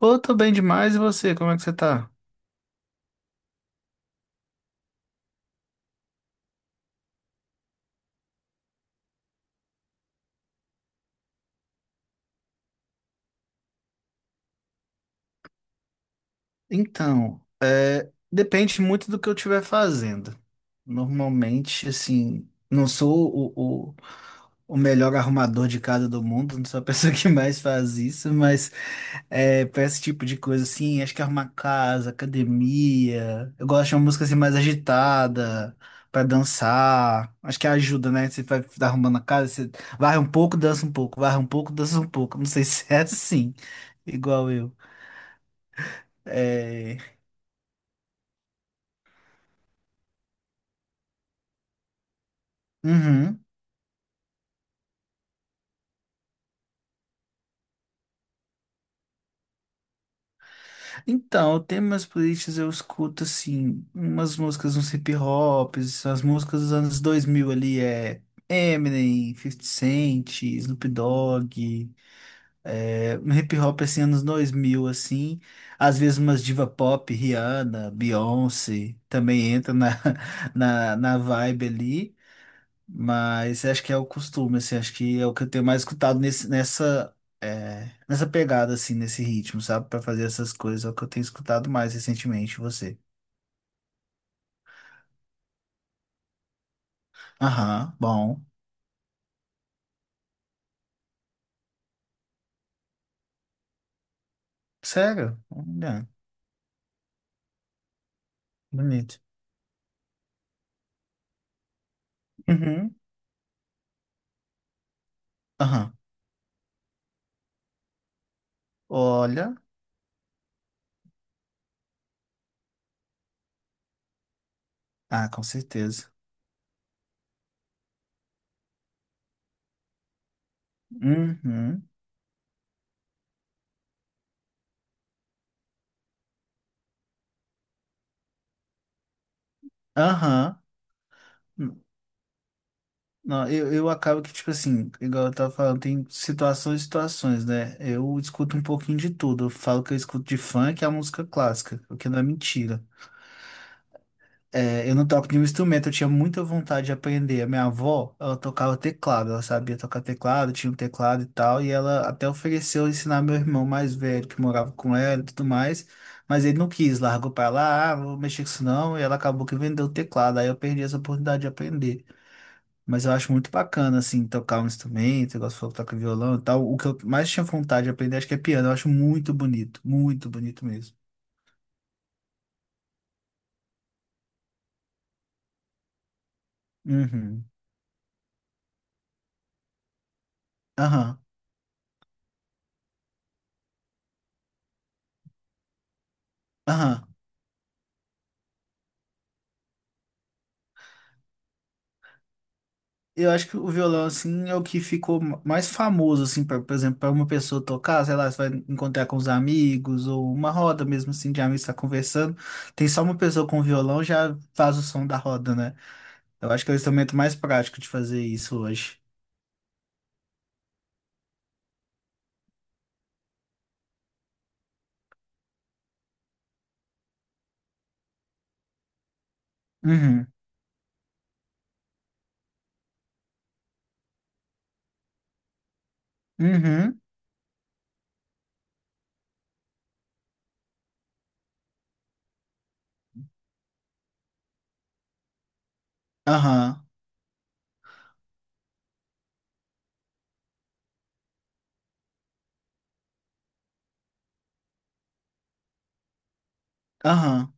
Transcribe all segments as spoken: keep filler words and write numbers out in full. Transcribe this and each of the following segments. Ô, eu tô bem demais, e você? Como é que você tá? Então, depende muito do que eu estiver fazendo. Normalmente, assim, não sou o, o, o melhor arrumador de casa do mundo, não sou a pessoa que mais faz isso, mas é, pra esse tipo de coisa, assim, acho que arrumar casa, academia. Eu gosto de uma música assim mais agitada, pra dançar. Acho que ajuda, né? Você vai arrumando a casa, você varre um pouco, dança um pouco, varre um pouco, dança um pouco. Não sei se é assim, igual eu. É... Uhum. Então, temas políticos eu escuto, assim, umas músicas, uns hip hops, as músicas dos anos dois mil ali, é Eminem, fifty Cent, Snoop Dogg, é, um hip hop, assim, anos dois mil assim, às vezes umas diva pop, Rihanna, Beyoncé, também entra na, na, na vibe ali. Mas acho que é o costume, assim, acho que é o que eu tenho mais escutado nesse, nessa, é, nessa pegada, assim, nesse ritmo, sabe? Pra fazer essas coisas, é o que eu tenho escutado mais recentemente, você. Aham, bom. Sério? Olha, bonito. Uhum, aham. Olha. Ah, com certeza. Uhum, aham. Não, eu, eu acabo que, tipo assim, igual eu tava falando, tem situações e situações, né? Eu escuto um pouquinho de tudo. Eu falo que eu escuto de funk a música clássica, o que não é mentira. É, eu não toco nenhum instrumento, eu tinha muita vontade de aprender. A minha avó, ela tocava teclado, ela sabia tocar teclado, tinha um teclado e tal, e ela até ofereceu ensinar meu irmão mais velho, que morava com ela e tudo mais, mas ele não quis, largou pra lá, ah, não vou mexer com isso não, e ela acabou que vendeu o teclado, aí eu perdi essa oportunidade de aprender. Mas eu acho muito bacana, assim, tocar um instrumento, igual você falou, que toca violão e tal. O que eu mais tinha vontade de aprender, acho que é piano, eu acho muito bonito, muito bonito mesmo. Uhum. Aham, aham. Eu acho que o violão, assim, é o que ficou ma- mais famoso, assim, pra, por exemplo, para uma pessoa tocar, sei lá, você vai encontrar com os amigos, ou uma roda mesmo, assim, de amigos tá conversando. Tem só uma pessoa com violão, já faz o som da roda, né? Eu acho que é o instrumento mais prático de fazer isso hoje. Uhum, uhum, aham, aham.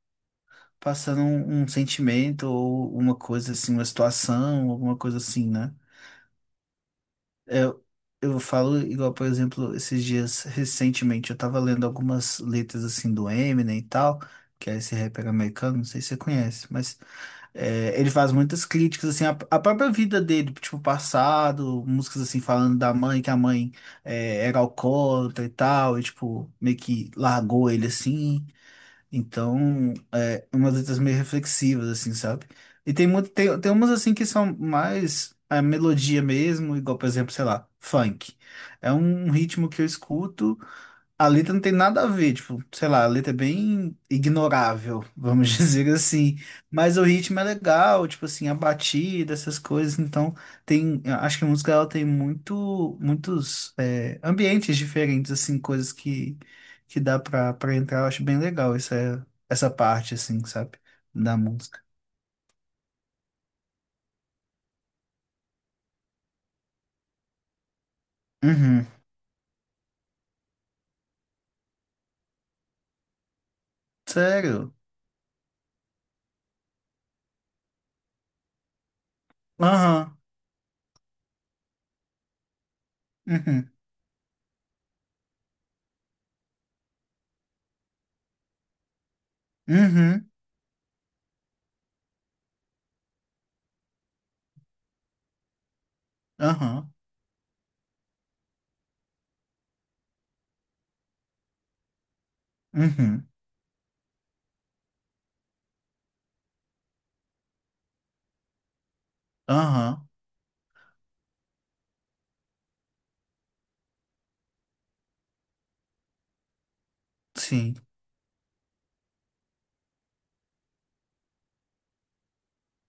Passando um, um sentimento ou uma coisa assim, uma situação, alguma coisa assim, né? Eu, eu falo igual, por exemplo, esses dias recentemente eu tava lendo algumas letras assim do Eminem e tal, que é esse rapper americano, não sei se você conhece, mas é, ele faz muitas críticas assim à, à própria vida dele, tipo passado, músicas assim falando da mãe, que a mãe é, era alcoólatra e tal, e tipo meio que largou ele assim. Então, é umas letras meio reflexivas, assim, sabe? E tem, muito, tem, tem umas, assim, que são mais a melodia mesmo, igual, por exemplo, sei lá, funk. É um um ritmo que eu escuto. A letra não tem nada a ver, tipo, sei lá, a letra é bem ignorável, vamos dizer assim. Mas o ritmo é legal, tipo assim, a batida, essas coisas. Então, tem, eu acho que a música ela tem muito, muitos é, ambientes diferentes, assim, coisas que, que dá pra, pra entrar. Eu acho bem legal essa, essa parte, assim, sabe, da música. Uhum. Sério? Aham. Uhum. Uhum. Aham. Uhum. Aham. Sim.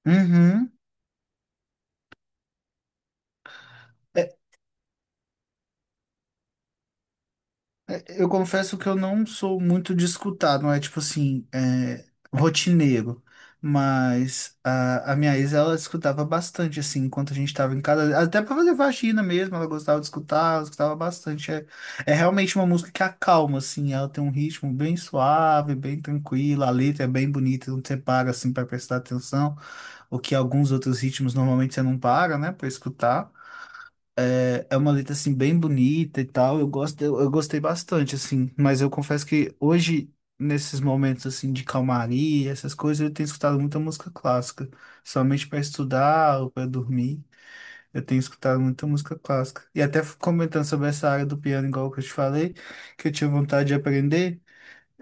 Uhum. É, É, eu confesso que eu não sou muito de escutar, não é tipo assim, é, rotineiro. Mas a, a minha ex, ela escutava bastante, assim, enquanto a gente tava em casa. Até pra fazer faxina mesmo, ela gostava de escutar, ela escutava bastante. É, é realmente uma música que acalma, assim, ela tem um ritmo bem suave, bem tranquilo, a letra é bem bonita, não você para, assim, pra prestar atenção. O que alguns outros ritmos normalmente você não para, né, pra escutar. É, é uma letra assim bem bonita e tal. Eu gosto, eu, eu gostei bastante assim, mas eu confesso que hoje nesses momentos assim de calmaria, essas coisas, eu tenho escutado muita música clássica, somente para estudar ou para dormir. Eu tenho escutado muita música clássica. E até f- comentando sobre essa área do piano, igual que eu te falei, que eu tinha vontade de aprender,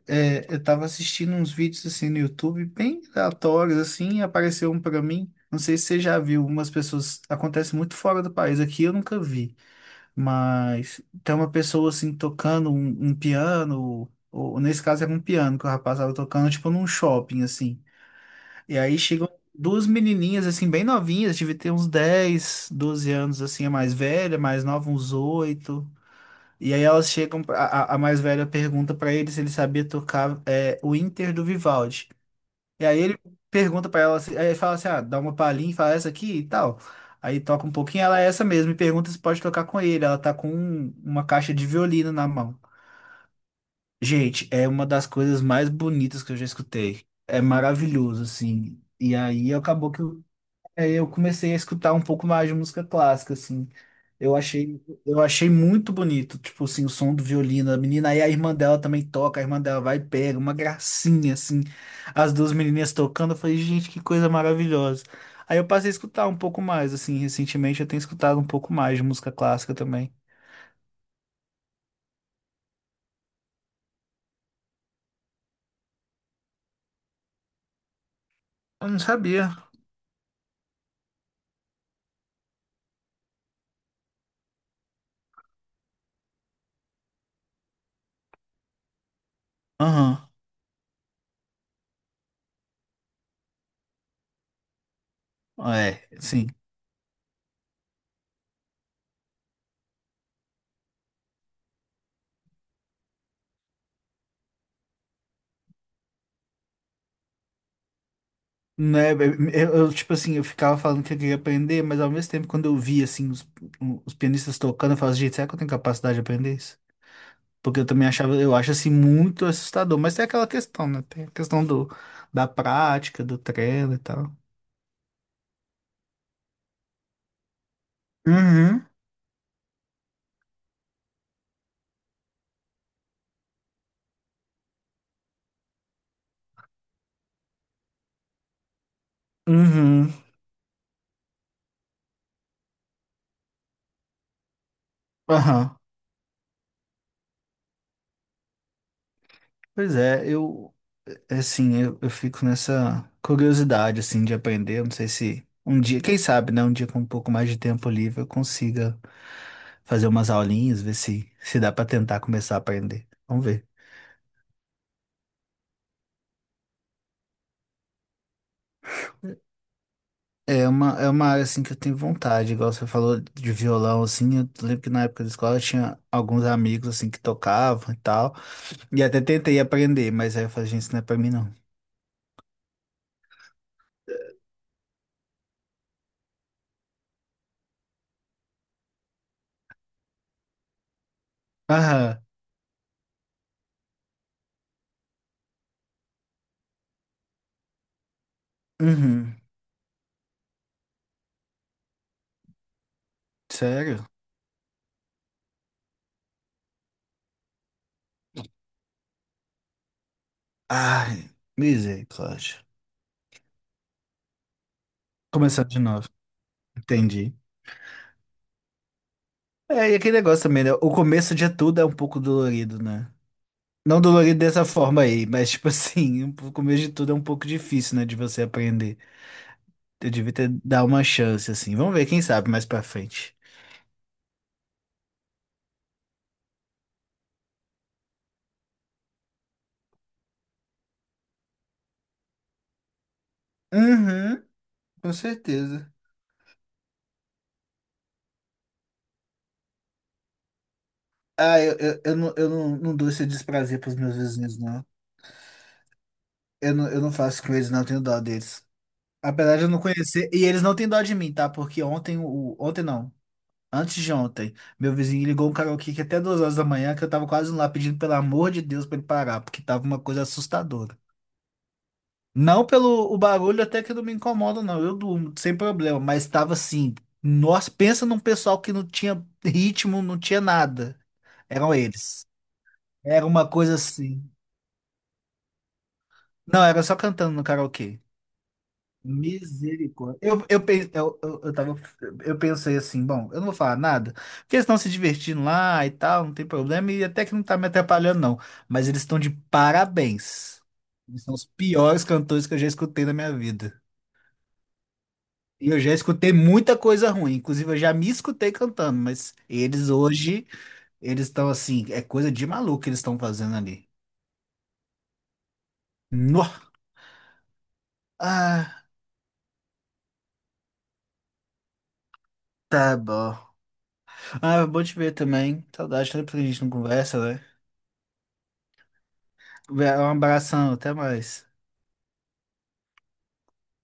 é, eu tava assistindo uns vídeos assim no YouTube, bem aleatórios assim, e apareceu um para mim. Não sei se você já viu, umas pessoas acontece muito fora do país, aqui eu nunca vi, mas tem uma pessoa assim tocando um, um piano, ou nesse caso era um piano que o rapaz estava tocando, tipo num shopping assim. E aí chegam duas menininhas assim, bem novinhas, devia ter uns dez, doze anos assim, a mais velha, a mais nova, uns oito. E aí elas chegam, pra- a, a a mais velha pergunta pra ele se ele sabia tocar é, o Inter do Vivaldi. E aí ele pergunta pra ela, assim- aí ele fala assim, ah, dá uma palhinha, e fala essa aqui e tal. Aí toca um pouquinho, ela é essa mesmo, e pergunta se pode tocar com ele. Ela tá com um- uma caixa de violino na mão. Gente, é uma das coisas mais bonitas que eu já escutei. É maravilhoso, assim. E aí acabou que... Aí eu comecei a escutar um pouco mais de música clássica, assim. Eu achei, eu achei muito bonito, tipo assim, o som do violino a menina. Aí a irmã dela também toca, a irmã dela vai e pega, uma gracinha, assim. As duas menininhas tocando, eu falei, gente, que coisa maravilhosa. Aí eu passei a escutar um pouco mais, assim, recentemente eu tenho escutado um pouco mais de música clássica também. Eu não sabia. Aham, é, sim. Né, eu, eu, tipo assim, eu ficava falando que eu queria aprender, mas ao mesmo tempo, quando eu via, assim, os, os pianistas tocando, eu falava, gente, será que eu tenho capacidade de aprender isso? Porque eu também achava, eu acho, assim, muito assustador, mas tem aquela questão, né, tem a questão do, da prática, do treino e tal. Uhum. Uhum. Aham. Pois é, eu, é é assim, eu, eu fico nessa curiosidade, assim, de aprender. Eu não sei se um dia, quem sabe, né, um dia com um pouco mais de tempo livre eu consiga fazer umas aulinhas, ver se, se dá pra tentar começar a aprender. Vamos ver. É uma, é uma área, assim, que eu tenho vontade, igual você falou de violão, assim, eu lembro que na época da escola eu tinha alguns amigos, assim, que tocavam e tal, e até tentei aprender, mas aí eu falei, gente, isso não é pra mim, não. Aham. Uhum. Sério? Ai, misericórdia. Começando de novo. Entendi. É, e aquele negócio também, né? O começo de tudo é um pouco dolorido, né? Não dolorido dessa forma aí, mas tipo assim, o começo de tudo é um pouco difícil, né? De você aprender. Eu devia ter dar uma chance, assim. Vamos ver, quem sabe, mais pra frente. Uhum, com certeza. Ah, eu, eu, eu não, eu não, não dou esse desprazer pros meus vizinhos, não. Eu não, eu não faço com eles, não, eu tenho dó deles. Apesar de eu não conhecer, e eles não têm dó de mim, tá? Porque ontem, o, ontem não. Antes de ontem, meu vizinho ligou um karaokê que até duas horas da manhã, que eu tava quase lá pedindo pelo amor de Deus pra ele parar, porque tava uma coisa assustadora. Não pelo o barulho, até que não me incomoda, não. Eu durmo, sem problema, mas tava assim. Nós pensa num pessoal que não tinha ritmo, não tinha nada. Eram eles. Era uma coisa assim. Não, era só cantando no karaokê. Misericórdia. Eu, eu, pe- eu, eu, eu, tava, eu pensei assim, bom, eu não vou falar nada, porque eles estão se divertindo lá e tal, não tem problema, e até que não tá me atrapalhando, não. Mas eles estão de parabéns. Eles são os piores cantores que eu já escutei na minha vida. E eu já escutei muita coisa ruim, inclusive eu já me escutei cantando, mas eles hoje, eles estão assim, é coisa de maluco que eles estão fazendo ali. Nó! Ah, tá bom. Ah, vou te ver também. Saudade, tanto que a gente não conversa, né? Um abração, até mais.